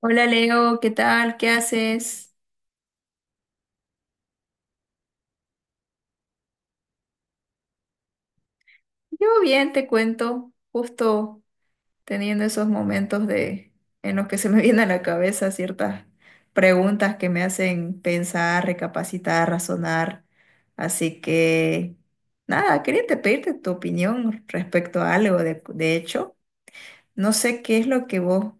Hola Leo, ¿qué tal? ¿Qué haces? Yo bien, te cuento, justo teniendo esos momentos de en los que se me vienen a la cabeza ciertas preguntas que me hacen pensar, recapacitar, razonar. Así que nada, quería te pedirte tu opinión respecto a algo. De hecho, no sé qué es lo que vos,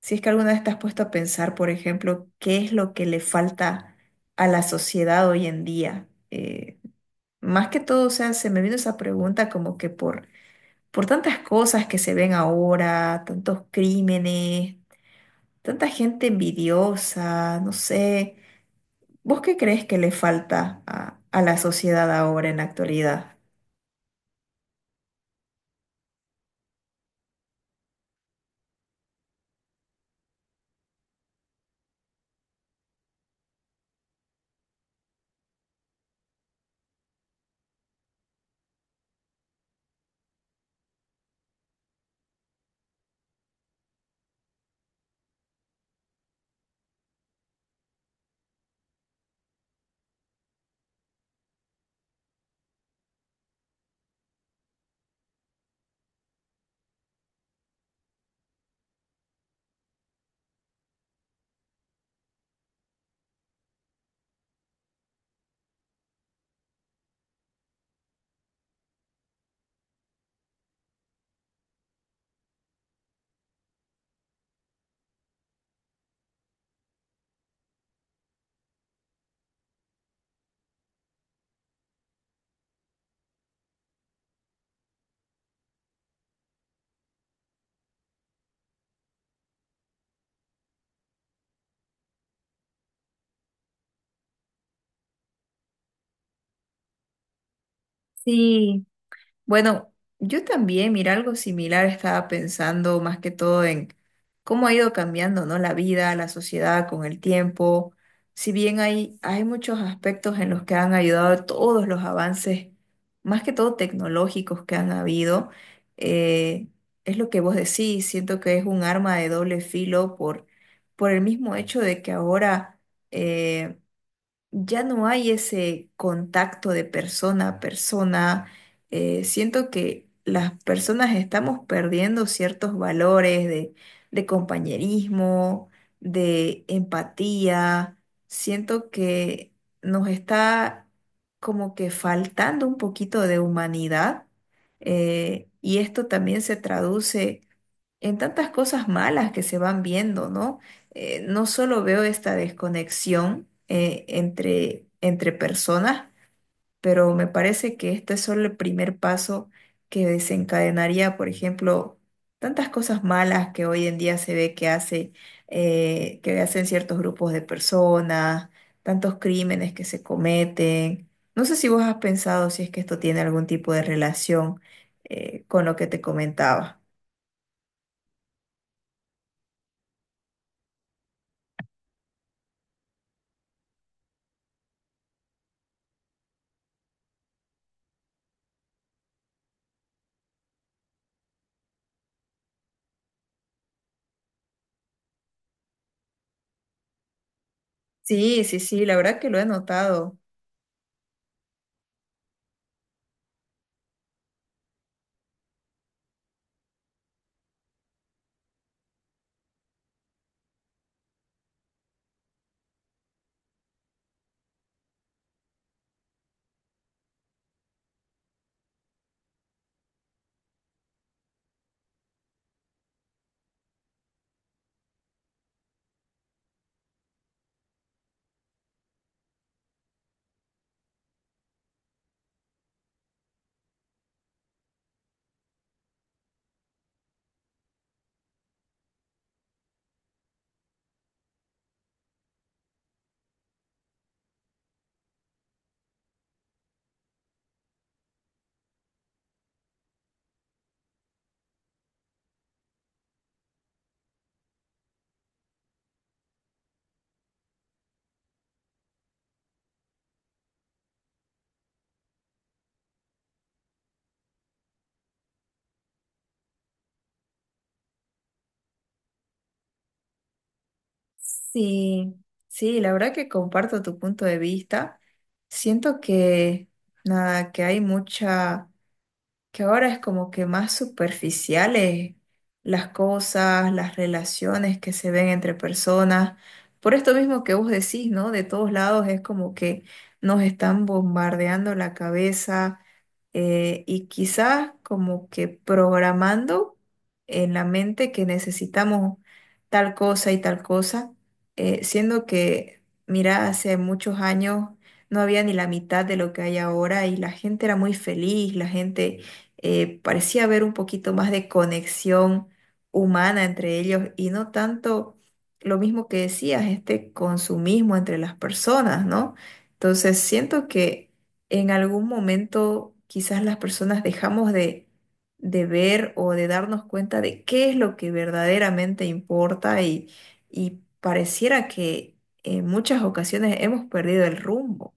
si es que alguna vez te has puesto a pensar, por ejemplo, qué es lo que le falta a la sociedad hoy en día. Más que todo, o sea, se me vino esa pregunta como que por tantas cosas que se ven ahora, tantos crímenes, tanta gente envidiosa, no sé. ¿Vos qué crees que le falta a la sociedad ahora en la actualidad? Sí. Bueno, yo también, mira, algo similar estaba pensando más que todo en cómo ha ido cambiando, ¿no? La vida, la sociedad con el tiempo. Si bien hay muchos aspectos en los que han ayudado todos los avances, más que todo tecnológicos que han habido, eh, es lo que vos decís, siento que es un arma de doble filo por el mismo hecho de que ahora, eh, ya no hay ese contacto de persona a persona. Siento que las personas estamos perdiendo ciertos valores de compañerismo, de empatía. Siento que nos está como que faltando un poquito de humanidad. Y esto también se traduce en tantas cosas malas que se van viendo, ¿no? No solo veo esta desconexión entre, entre personas, pero me parece que este es solo el primer paso que desencadenaría, por ejemplo, tantas cosas malas que hoy en día se ve que hace, que hacen ciertos grupos de personas, tantos crímenes que se cometen. No sé si vos has pensado si es que esto tiene algún tipo de relación con lo que te comentaba. Sí, sí, sí, la verdad que lo he notado. Sí, sí, la verdad que comparto tu punto de vista. Siento que nada, que hay mucha, que ahora es como que más superficiales las cosas, las relaciones que se ven entre personas. Por esto mismo que vos decís, ¿no? De todos lados es como que nos están bombardeando la cabeza y quizás como que programando en la mente que necesitamos tal cosa y tal cosa, siendo que, mira, hace muchos años no había ni la mitad de lo que hay ahora y la gente era muy feliz, la gente parecía haber un poquito más de conexión humana entre ellos y no tanto lo mismo que decías, este consumismo entre las personas, ¿no? Entonces siento que en algún momento quizás las personas dejamos de ver o de darnos cuenta de qué es lo que verdaderamente importa y pareciera que en muchas ocasiones hemos perdido el rumbo.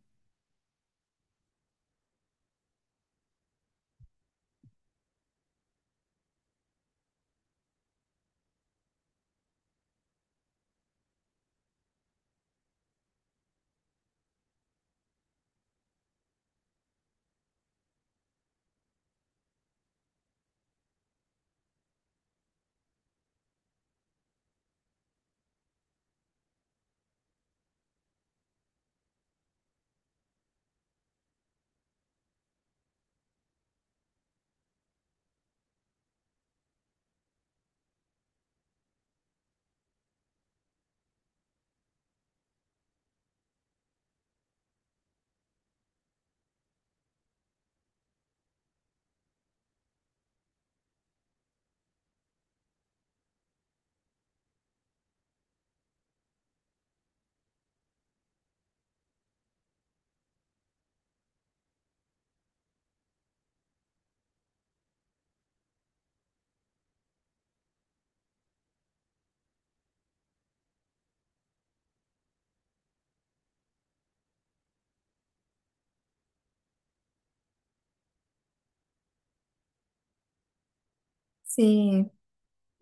Sí.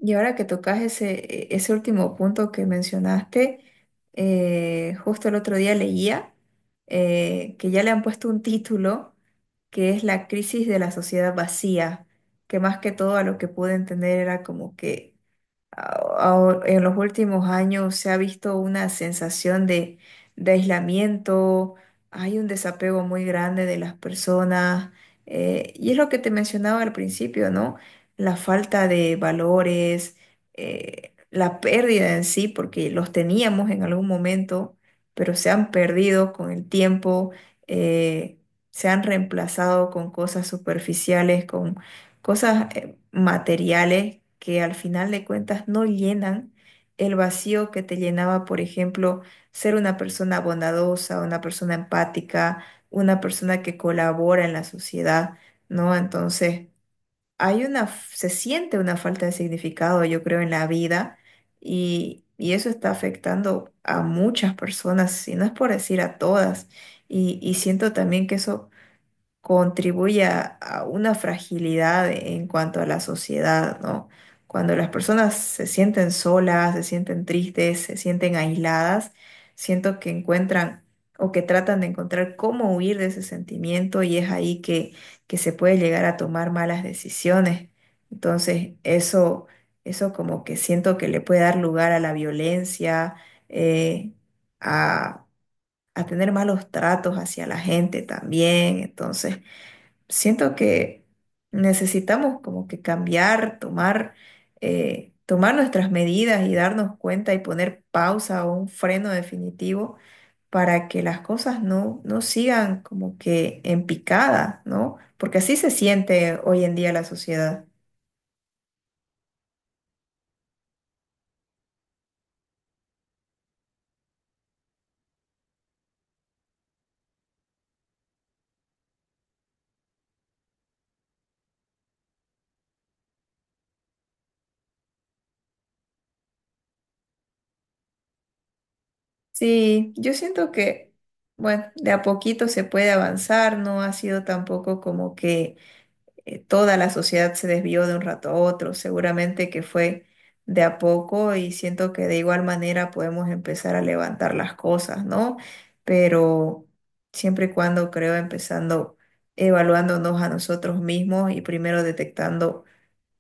Y ahora que tocas ese, ese último punto que mencionaste, justo el otro día leía que ya le han puesto un título que es La crisis de la sociedad vacía, que más que todo a lo que pude entender era como que en los últimos años se ha visto una sensación de aislamiento, hay un desapego muy grande de las personas, y es lo que te mencionaba al principio, ¿no? La falta de valores, la pérdida en sí, porque los teníamos en algún momento, pero se han perdido con el tiempo, eh, se han reemplazado con cosas superficiales, con cosas materiales que al final de cuentas no llenan el vacío que te llenaba, por ejemplo, ser una persona bondadosa, una persona empática, una persona que colabora en la sociedad, ¿no? Entonces, hay una, se siente una falta de significado, yo creo, en la vida y eso está afectando a muchas personas, si no es por decir a todas. Y siento también que eso contribuye a una fragilidad en cuanto a la sociedad, ¿no? Cuando las personas se sienten solas, se sienten tristes, se sienten aisladas, siento que encuentran o que tratan de encontrar cómo huir de ese sentimiento y es ahí que se puede llegar a tomar malas decisiones. Entonces, eso como que siento que le puede dar lugar a la violencia, eh, a, a tener malos tratos hacia la gente también. Entonces, siento que necesitamos como que cambiar, tomar, tomar nuestras medidas y darnos cuenta y poner pausa o un freno definitivo para que las cosas no, no sigan como que en picada, ¿no? Porque así se siente hoy en día la sociedad. Sí, yo siento que, bueno, de a poquito se puede avanzar, no ha sido tampoco como que toda la sociedad se desvió de un rato a otro, seguramente que fue de a poco y siento que de igual manera podemos empezar a levantar las cosas, ¿no? Pero siempre y cuando creo empezando evaluándonos a nosotros mismos y primero detectando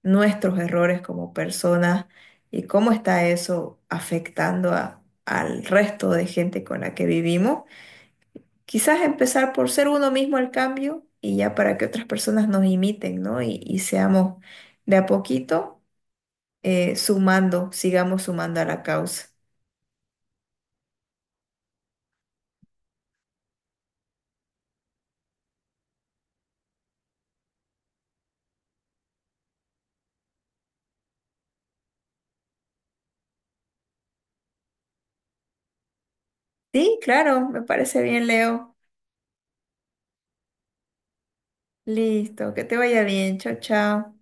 nuestros errores como personas y cómo está eso afectando al resto de gente con la que vivimos. Quizás empezar por ser uno mismo el cambio y ya para que otras personas nos imiten, ¿no? Y seamos de a poquito sumando, sigamos sumando a la causa. Sí, claro, me parece bien, Leo. Listo, que te vaya bien. Chao, chao.